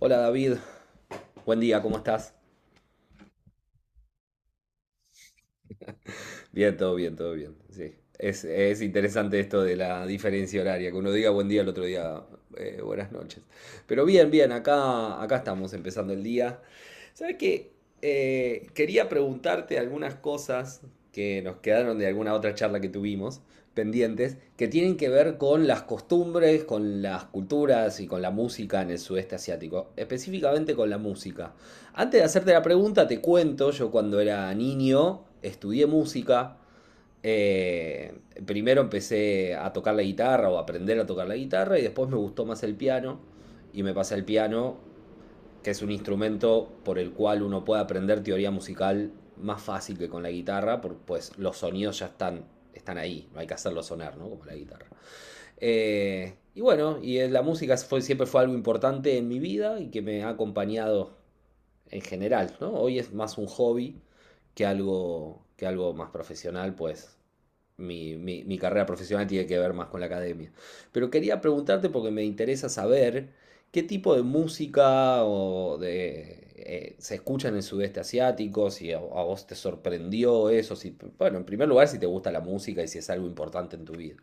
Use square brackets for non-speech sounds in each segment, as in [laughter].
Hola David, buen día, ¿cómo estás? Bien, todo bien, todo bien, sí. Es interesante esto de la diferencia horaria, que uno diga buen día, el otro día buenas noches. Pero bien, bien, acá estamos empezando el día. ¿Sabes qué? Quería preguntarte algunas cosas que nos quedaron de alguna otra charla que tuvimos pendientes, que tienen que ver con las costumbres, con las culturas y con la música en el sudeste asiático, específicamente con la música. Antes de hacerte la pregunta, te cuento, yo cuando era niño estudié música. Eh, Primero empecé a tocar la guitarra o a aprender a tocar la guitarra y después me gustó más el piano y me pasé al piano, que es un instrumento por el cual uno puede aprender teoría musical más fácil que con la guitarra, porque pues los sonidos ya están ahí, no hay que hacerlos sonar, ¿no? Como la guitarra. Y bueno, y la música siempre fue algo importante en mi vida y que me ha acompañado en general, ¿no? Hoy es más un hobby que que algo más profesional, pues mi carrera profesional tiene que ver más con la academia. Pero quería preguntarte porque me interesa saber qué tipo de música o de, se escucha en el sudeste asiático, si a vos te sorprendió eso, si, bueno, en primer lugar, si te gusta la música y si es algo importante en tu vida.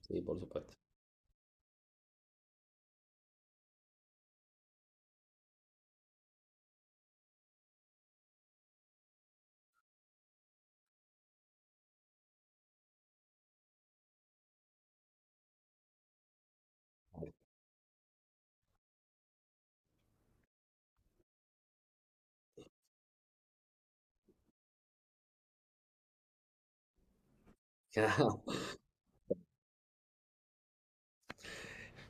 Sí, por supuesto. [laughs]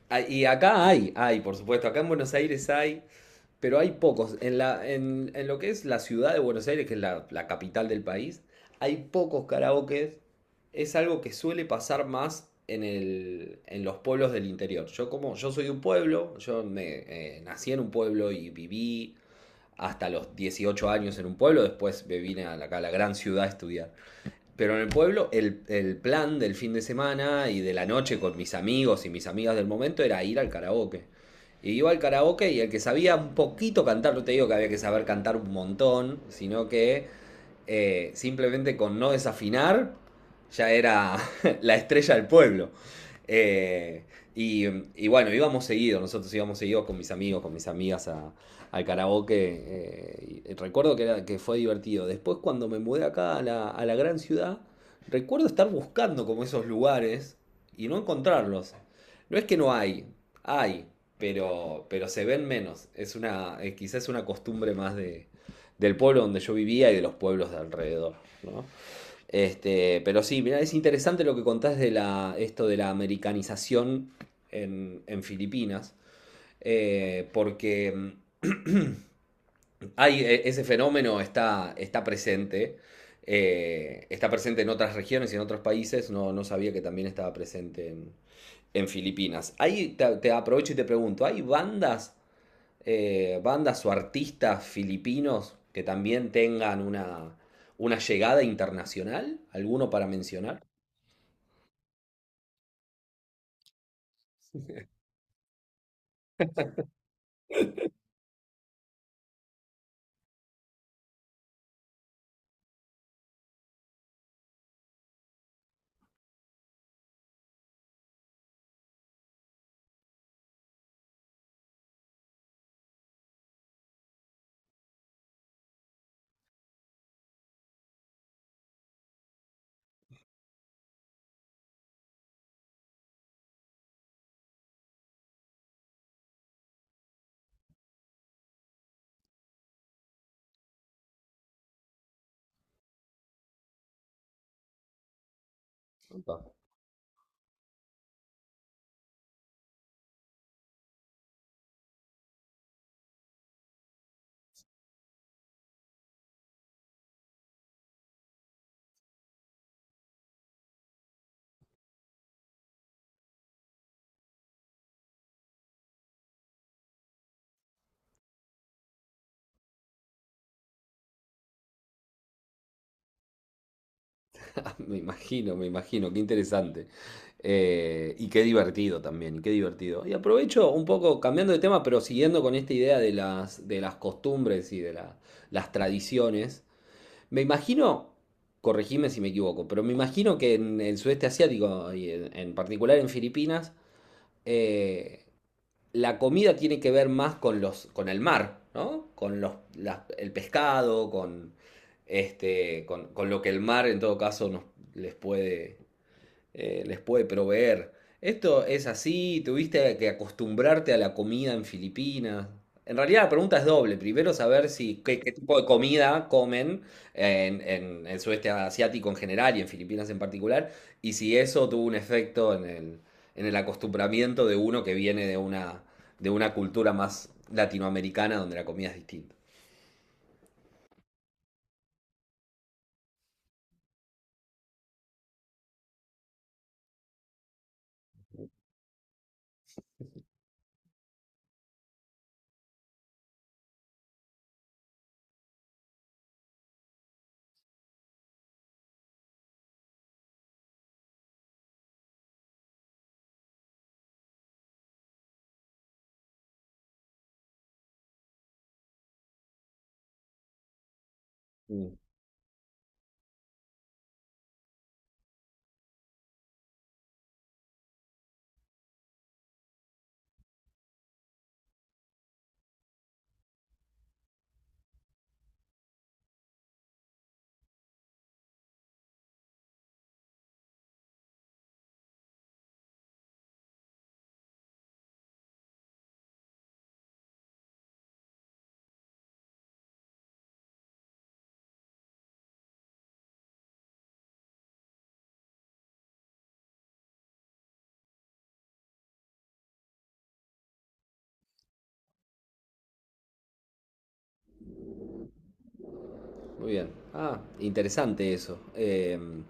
Ah, y acá hay, por supuesto, acá en Buenos Aires hay, pero hay pocos. En lo que es la ciudad de Buenos Aires, que es la capital del país, hay pocos karaokes. Es algo que suele pasar más en los pueblos del interior. Yo soy de un pueblo, yo nací en un pueblo y viví hasta los 18 años en un pueblo, después me vine a acá a la gran ciudad a estudiar. Pero en el pueblo el plan del fin de semana y de la noche con mis amigos y mis amigas del momento era ir al karaoke. Y iba al karaoke y el que sabía un poquito cantar, no te digo que había que saber cantar un montón, sino que simplemente con no desafinar, ya era [laughs] la estrella del pueblo. Eh, y, bueno, íbamos seguidos nosotros íbamos seguidos con mis amigos, con mis amigas al karaoke. Y recuerdo que fue divertido. Después cuando me mudé acá a a la gran ciudad, recuerdo estar buscando como esos lugares y no encontrarlos. No es que no hay, pero se ven menos. Es quizás es una costumbre más del pueblo donde yo vivía y de los pueblos de alrededor, ¿no? Este, pero sí, mira, es interesante lo que contás de esto de la americanización en Filipinas, eh, porque mm, hay, ese fenómeno está presente en otras regiones y en otros países, no sabía que también estaba presente en Filipinas. Ahí te aprovecho y te pregunto, ¿hay bandas bandas o artistas filipinos que también tengan una llegada internacional? ¿Alguno para mencionar? Opa. [laughs] Me imagino, qué interesante. Y qué divertido también, y qué divertido. Y aprovecho un poco, cambiando de tema, pero siguiendo con esta idea de de las costumbres y de las tradiciones, me imagino, corregime si me equivoco, pero me imagino que en el sudeste asiático y en particular en Filipinas, eh, la comida tiene que ver más con con el mar, ¿no? Con el pescado, con lo que el mar en todo caso les puede les puede proveer. Esto es así, tuviste que acostumbrarte a la comida en Filipinas. En realidad la pregunta es doble. Primero saber si qué tipo de comida comen en el sudeste asiático en general y en Filipinas en particular, y si eso tuvo un efecto en en el acostumbramiento de uno que viene de de una cultura más latinoamericana donde la comida es distinta. Muy bien. Ah, interesante eso.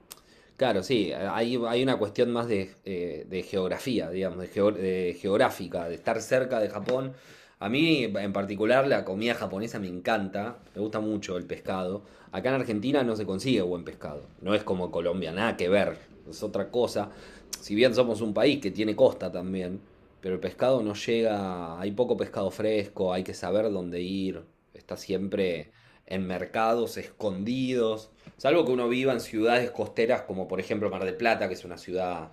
Claro, sí, hay una cuestión más de geografía, digamos, de geográfica, de estar cerca de Japón. A mí, en particular, la comida japonesa me encanta, me gusta mucho el pescado. Acá en Argentina no se consigue buen pescado, no es como Colombia, nada que ver, es otra cosa. Si bien somos un país que tiene costa también, pero el pescado no llega, hay poco pescado fresco, hay que saber dónde ir, está siempre en mercados escondidos, salvo que uno viva en ciudades costeras como por ejemplo Mar del Plata, que es una ciudad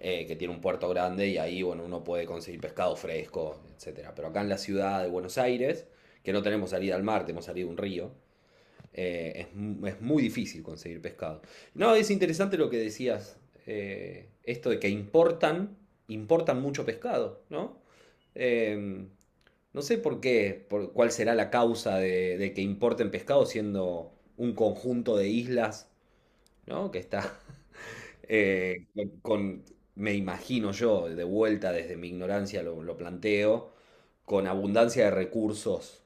que tiene un puerto grande y ahí bueno, uno puede conseguir pescado fresco, etcétera. Pero acá en la ciudad de Buenos Aires, que no tenemos salida al mar, tenemos salida a un río, eh, es, es muy difícil conseguir pescado. No, es interesante lo que decías, esto de que importan mucho pescado, ¿no? Em, no sé por qué, por cuál será la causa de que importen pescado siendo un conjunto de islas, ¿no? Que está [laughs] eh, con, con- me imagino yo, de vuelta desde mi ignorancia lo planteo, con abundancia de recursos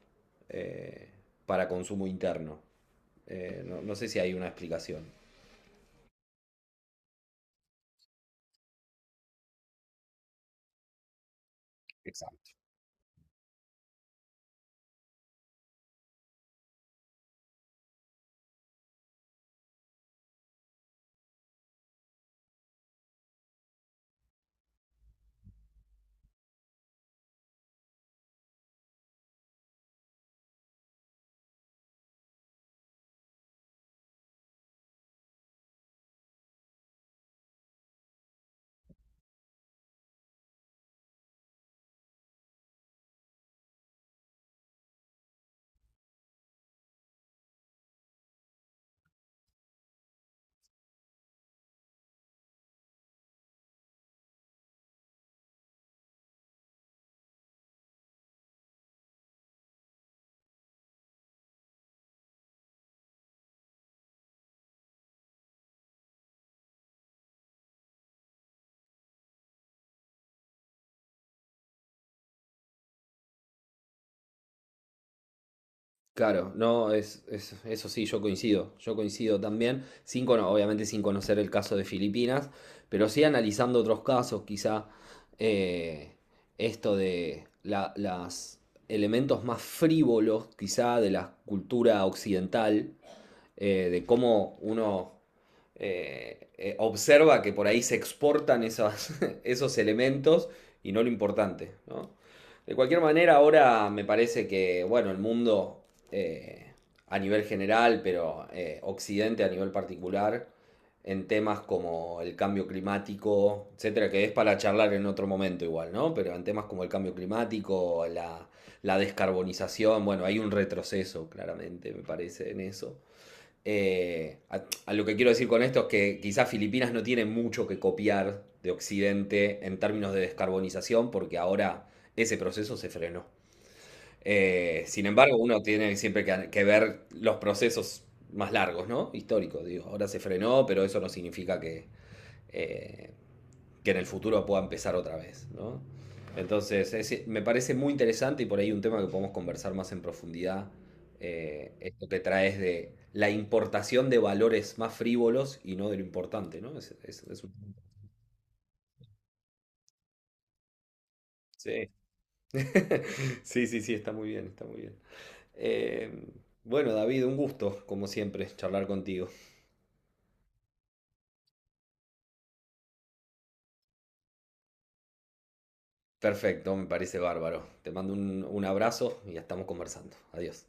eh, para consumo interno. No sé si hay una explicación. Exacto. Claro, no, es- Eso sí, yo coincido también, sin, cono- obviamente sin conocer el caso de Filipinas, pero sí analizando otros casos, quizá eh, esto de la- las elementos más frívolos, quizá de la cultura occidental, de cómo uno observa que por ahí se exportan [laughs] esos elementos y no lo importante, ¿no? De cualquier manera, ahora me parece que, bueno, el mundo eh, a nivel general, pero Occidente a nivel particular, en temas como el cambio climático, etcétera, que es para charlar en otro momento igual, ¿no? Pero en temas como el cambio climático, la descarbonización, bueno, hay un retroceso, claramente, me parece, en eso. A lo que quiero decir con esto es que quizás Filipinas no tiene mucho que copiar de Occidente en términos de descarbonización, porque ahora ese proceso se frenó. Sin embargo, uno tiene siempre que ver los procesos más largos, ¿no? Históricos, digo. Ahora se frenó, pero eso no significa eh, que en el futuro pueda empezar otra vez, ¿no? Entonces, me parece muy interesante y por ahí un tema que podemos conversar más en profundidad, esto que traes de la importación de valores más frívolos y no de lo importante, ¿no? Sí. [laughs] Sí, sí, sí, está muy bien, está muy bien. Eh, bueno, David, un gusto, como siempre, charlar contigo. Perfecto, me parece bárbaro. Te mando un abrazo y ya estamos conversando. Adiós.